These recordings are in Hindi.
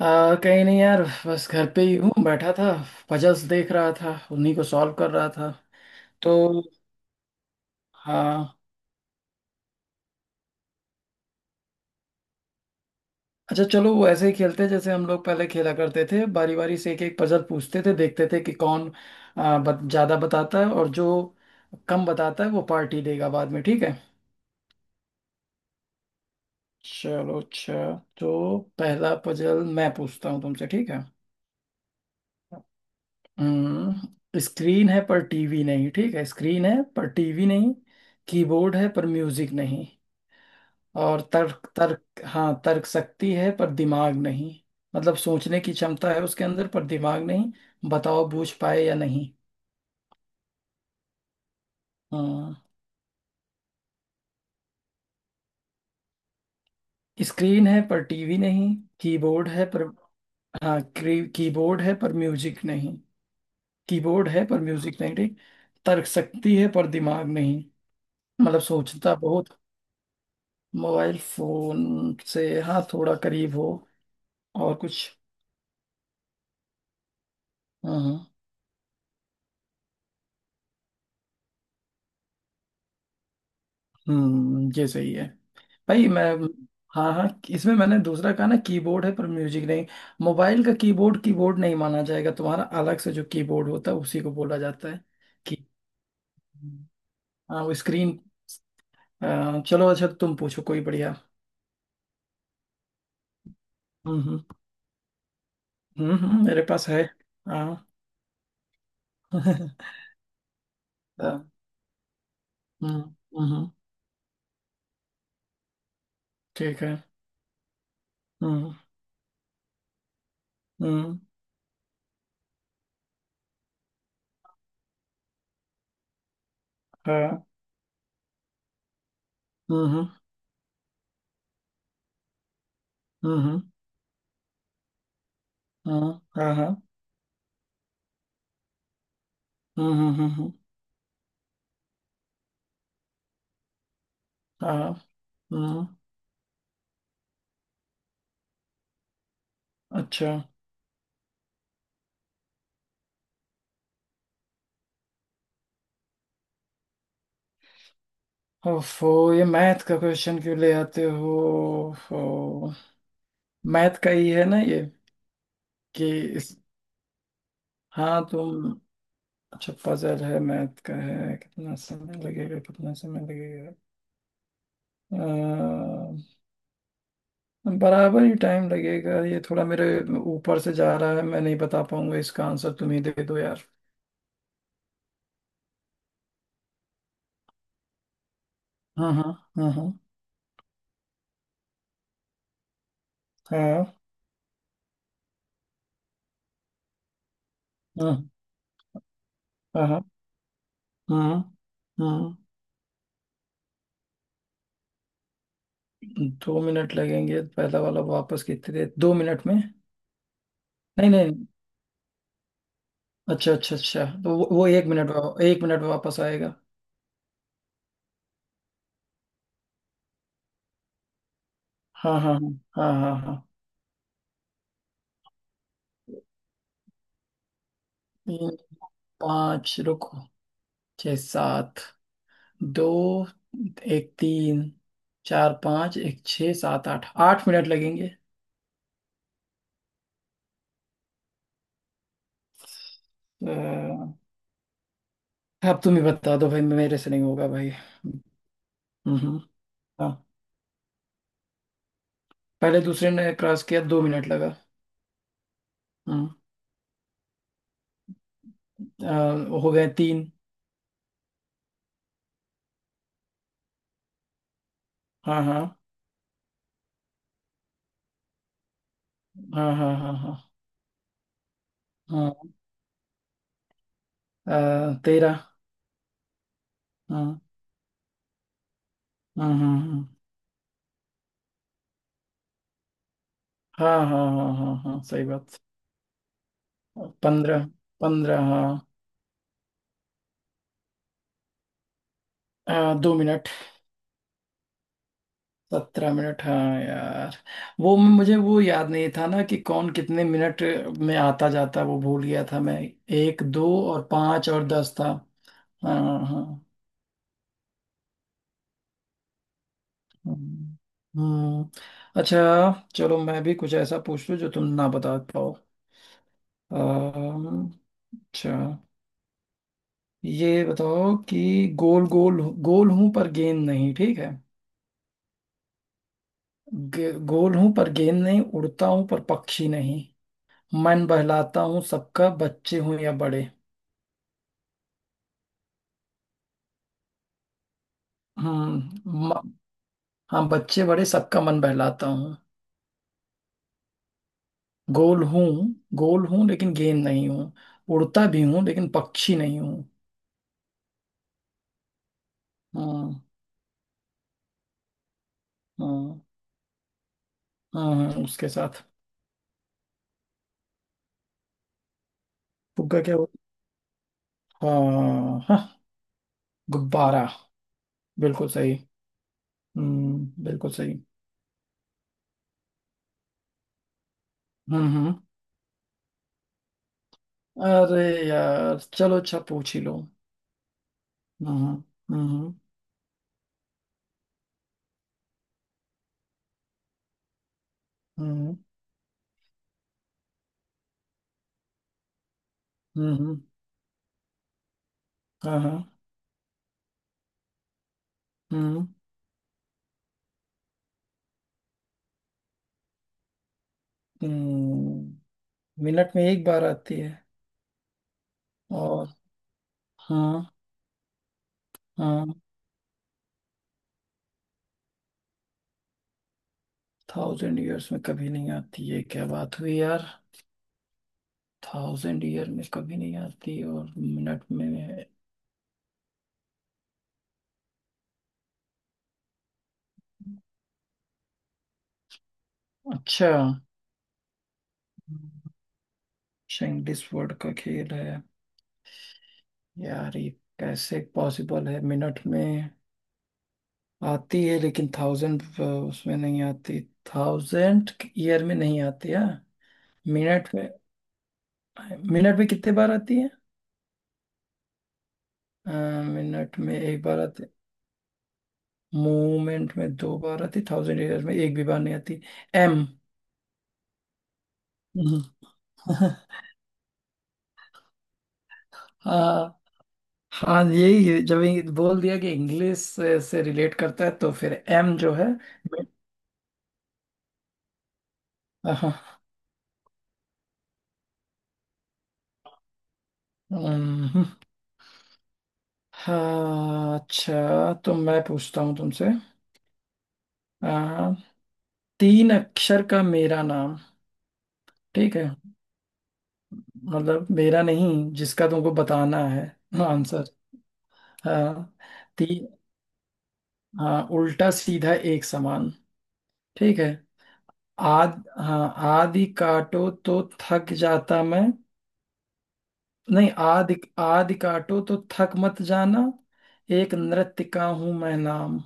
कहीं नहीं यार, बस घर पे ही हूँ बैठा था। पजल्स देख रहा था, उन्हीं को सॉल्व कर रहा था। तो हाँ। अच्छा चलो, वो ऐसे ही खेलते हैं जैसे हम लोग पहले खेला करते थे, बारी बारी से एक एक पजल पूछते थे, देखते थे कि कौन ज्यादा बताता है और जो कम बताता है वो पार्टी देगा बाद में, ठीक है? चलो अच्छा। तो पहला पजल मैं पूछता हूँ तुमसे, ठीक है? हम्म स्क्रीन है पर टीवी नहीं। ठीक है, स्क्रीन है पर टीवी नहीं। कीबोर्ड है पर म्यूजिक नहीं। और तर्क तर्क हाँ, तर्क शक्ति है पर दिमाग नहीं। मतलब सोचने की क्षमता है उसके अंदर पर दिमाग नहीं। बताओ बूझ पाए या नहीं? हाँ, स्क्रीन है पर टीवी नहीं। कीबोर्ड है पर, हाँ, कीबोर्ड है पर म्यूजिक नहीं। कीबोर्ड है पर म्यूजिक नहीं, ठीक। तर्क शक्ति है पर दिमाग नहीं। मतलब सोचता बहुत। मोबाइल फोन से हाँ थोड़ा करीब हो। और कुछ? हाँ हाँ। ये सही है। भाई मैं, हाँ हाँ, इसमें मैंने दूसरा कहा ना, कीबोर्ड है पर म्यूजिक नहीं। मोबाइल का कीबोर्ड कीबोर्ड नहीं माना जाएगा, तुम्हारा अलग से जो कीबोर्ड होता है उसी को बोला जाता है कि। हाँ वो स्क्रीन। चलो अच्छा, तुम पूछो कोई बढ़िया। हम्म हम्म मेरे पास है। हाँ। हाँ। हम्म। हम्म। ठीक है। हम्म। हम्म। हाँ। हम्म। हम्म। हम्म। हम्म। हाँ हाँ। हम्म। हम्म। हम्म। हम्म। हाँ। हम्म। अच्छा। ओफो, ये मैथ का क्वेश्चन क्यों ले आते हो? ओफो, मैथ का ही है ना ये? कि इस, हाँ तुम। अच्छा पजल है, मैथ का है, कितना समय लगेगा, कितना समय लगेगा? अ, बराबर ही टाइम लगेगा, ये थोड़ा मेरे ऊपर से जा रहा है, मैं नहीं बता पाऊंगा, इसका आंसर तुम ही दे दो यार। हाँ हाँ हाँ हाँ हाँ हाँ हाँ हाँ, हाँ। 2 मिनट लगेंगे, पहला वाला वापस कितने, 2 मिनट में? नहीं नहीं, अच्छा अच्छा अच्छा, तो वो 1 मिनट 1 मिनट में वापस आएगा। हाँ हाँ हाँ हाँ हाँ हाँ। तीन, पाँच रुको, छः सात, दो, एक तीन, चार पाँच एक छः सात आठ, 8 मिनट लगेंगे। अ, अब तुम ही बता दो भाई, मेरे से नहीं होगा भाई। हम्म। हम्म। हाँ, पहले दूसरे ने क्रॉस किया, 2 मिनट लगा। हम्म हो गए तीन। हाँ हाँ हाँ हाँ हाँ हाँ हाँ। 13। हाँ हाँ हाँ हाँ हाँ हाँ हाँ हाँ हाँ, सही बात। 15, 15 हाँ। 2 मिनट। 17 मिनट हाँ यार, वो मुझे वो याद नहीं था ना कि कौन कितने मिनट में आता जाता, वो भूल गया था मैं। एक, दो, और पाँच और 10 था। हाँ हाँ। हम्म हम्म, अच्छा चलो, मैं भी कुछ ऐसा पूछ लूँ जो तुम ना बता पाओ। अम्म, अच्छा, ये बताओ कि गोल गोल गोल हूं पर गेंद नहीं, ठीक है? गोल हूं पर गेंद नहीं, उड़ता हूं पर पक्षी नहीं, मन बहलाता हूँ सबका, बच्चे हूँ या बड़े। हम्म। म- हाँ, बच्चे बड़े सबका मन बहलाता हूँ। गोल हूँ गोल हूँ लेकिन गेंद नहीं हूँ। उड़ता भी हूँ लेकिन पक्षी नहीं हूँ। हाँ हाँ हाँ हाँ, उसके साथ। फुग्गा क्या होता? हाँ हाँ, गुब्बारा। बिल्कुल सही। हम्म, बिल्कुल सही। हम्म हम्म अरे यार चलो अच्छा, पूछ ही लो। हम्म। हम्म। हम्म। हम्म। हम्म। हम्म। हाँ हाँ। हम्म हम्म मिनट में एक बार आती है। और हाँ हाँ, थाउजेंड ईयर्स में कभी नहीं आती है, क्या बात हुई यार? थाउजेंड ईयर में कभी नहीं आती और मिनट में। अच्छा। अच्छा, इंग्लिश वर्ड का खेल है। यार ये कैसे पॉसिबल है? मिनट में आती है लेकिन थाउजेंड उसमें नहीं आती। थाउजेंड ईयर में नहीं आती है, मिनट में, मिनट में कितने बार आती है? अ, मिनट में एक बार आती, मूवमेंट में दो बार आती, थाउजेंड ईयर्स में एक भी बार नहीं आती, एम। हाँ हाँ, यही है। जब ये बोल दिया कि इंग्लिश से रिलेट करता है, तो फिर एम जो है। हाँ। हम्म, हाँ, अच्छा, तो मैं पूछता हूँ तुमसे। आ, तीन अक्षर का मेरा नाम। ठीक है, मतलब मेरा नहीं, जिसका तुमको बताना है आंसर। हाँ। ती हाँ, उल्टा सीधा एक समान, ठीक है। आद हाँ, आदि काटो तो थक जाता मैं। नहीं, आदि आदि काटो तो थक मत जाना। एक नृत्य का हूं मैं नाम,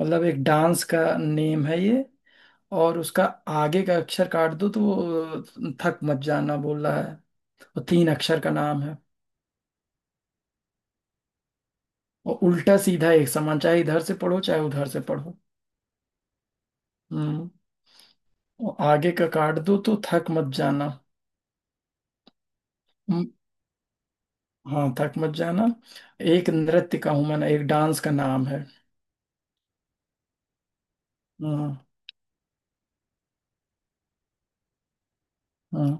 मतलब एक डांस का नेम है ये, और उसका आगे का अक्षर काट दो तो वो थक मत जाना बोल रहा है। वो तीन अक्षर का नाम है, और उल्टा सीधा एक समान, चाहे इधर से पढ़ो चाहे उधर से पढ़ो। हम्म और आगे का काट दो तो थक मत जाना। हम्म, हाँ, थक मत जाना। एक नृत्य का हूं मैं ना, एक डांस का नाम है। हाँ हाँ।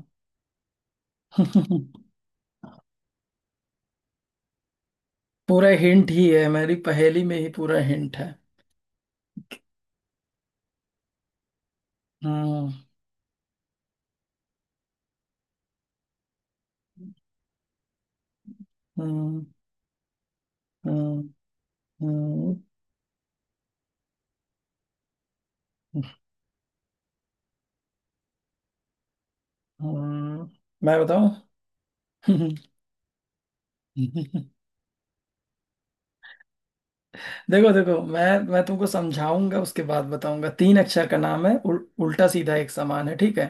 पूरा हिंट ही है, मेरी पहेली में ही पूरा हिंट है। हाँ हाँ हाँ हाँ हाँ। मैं बताऊं? देखो देखो, मैं तुमको समझाऊंगा उसके बाद बताऊंगा। तीन अक्षर का नाम है, उल्टा सीधा एक समान है, ठीक है?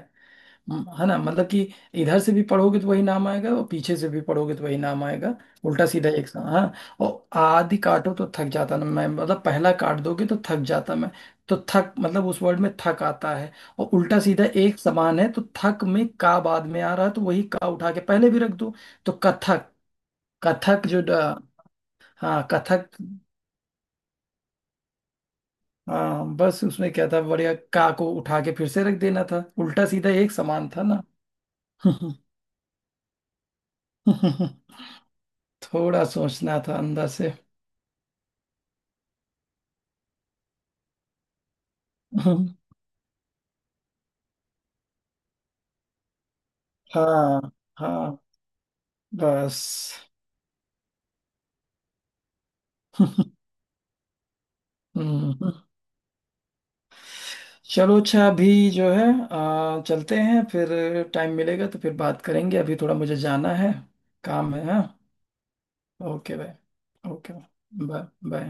हाँ, है ना, मतलब कि इधर से भी पढ़ोगे तो वही नाम आएगा और पीछे से भी पढ़ोगे तो वही नाम आएगा। उल्टा सीधा एक सा, हाँ। और आदि काटो तो थक जाता ना मैं, मतलब पहला काट दोगे तो थक जाता मैं, तो थक मतलब उस वर्ड में थक आता है। और उल्टा सीधा एक समान है, तो थक में का बाद में आ रहा है, तो वही का उठा के पहले भी रख दो, तो कथक। कथक जो हाँ, कथक। हाँ, बस उसमें क्या था, बढ़िया का को उठा के फिर से रख देना था, उल्टा सीधा एक समान था ना। थोड़ा सोचना था अंदर से। हाँ हाँ, बस। हम्म। चलो अच्छा, अभी जो है, चलते हैं फिर। टाइम मिलेगा तो फिर बात करेंगे, अभी थोड़ा मुझे जाना है, काम है। हाँ, ओके भाई, ओके। Bye bye.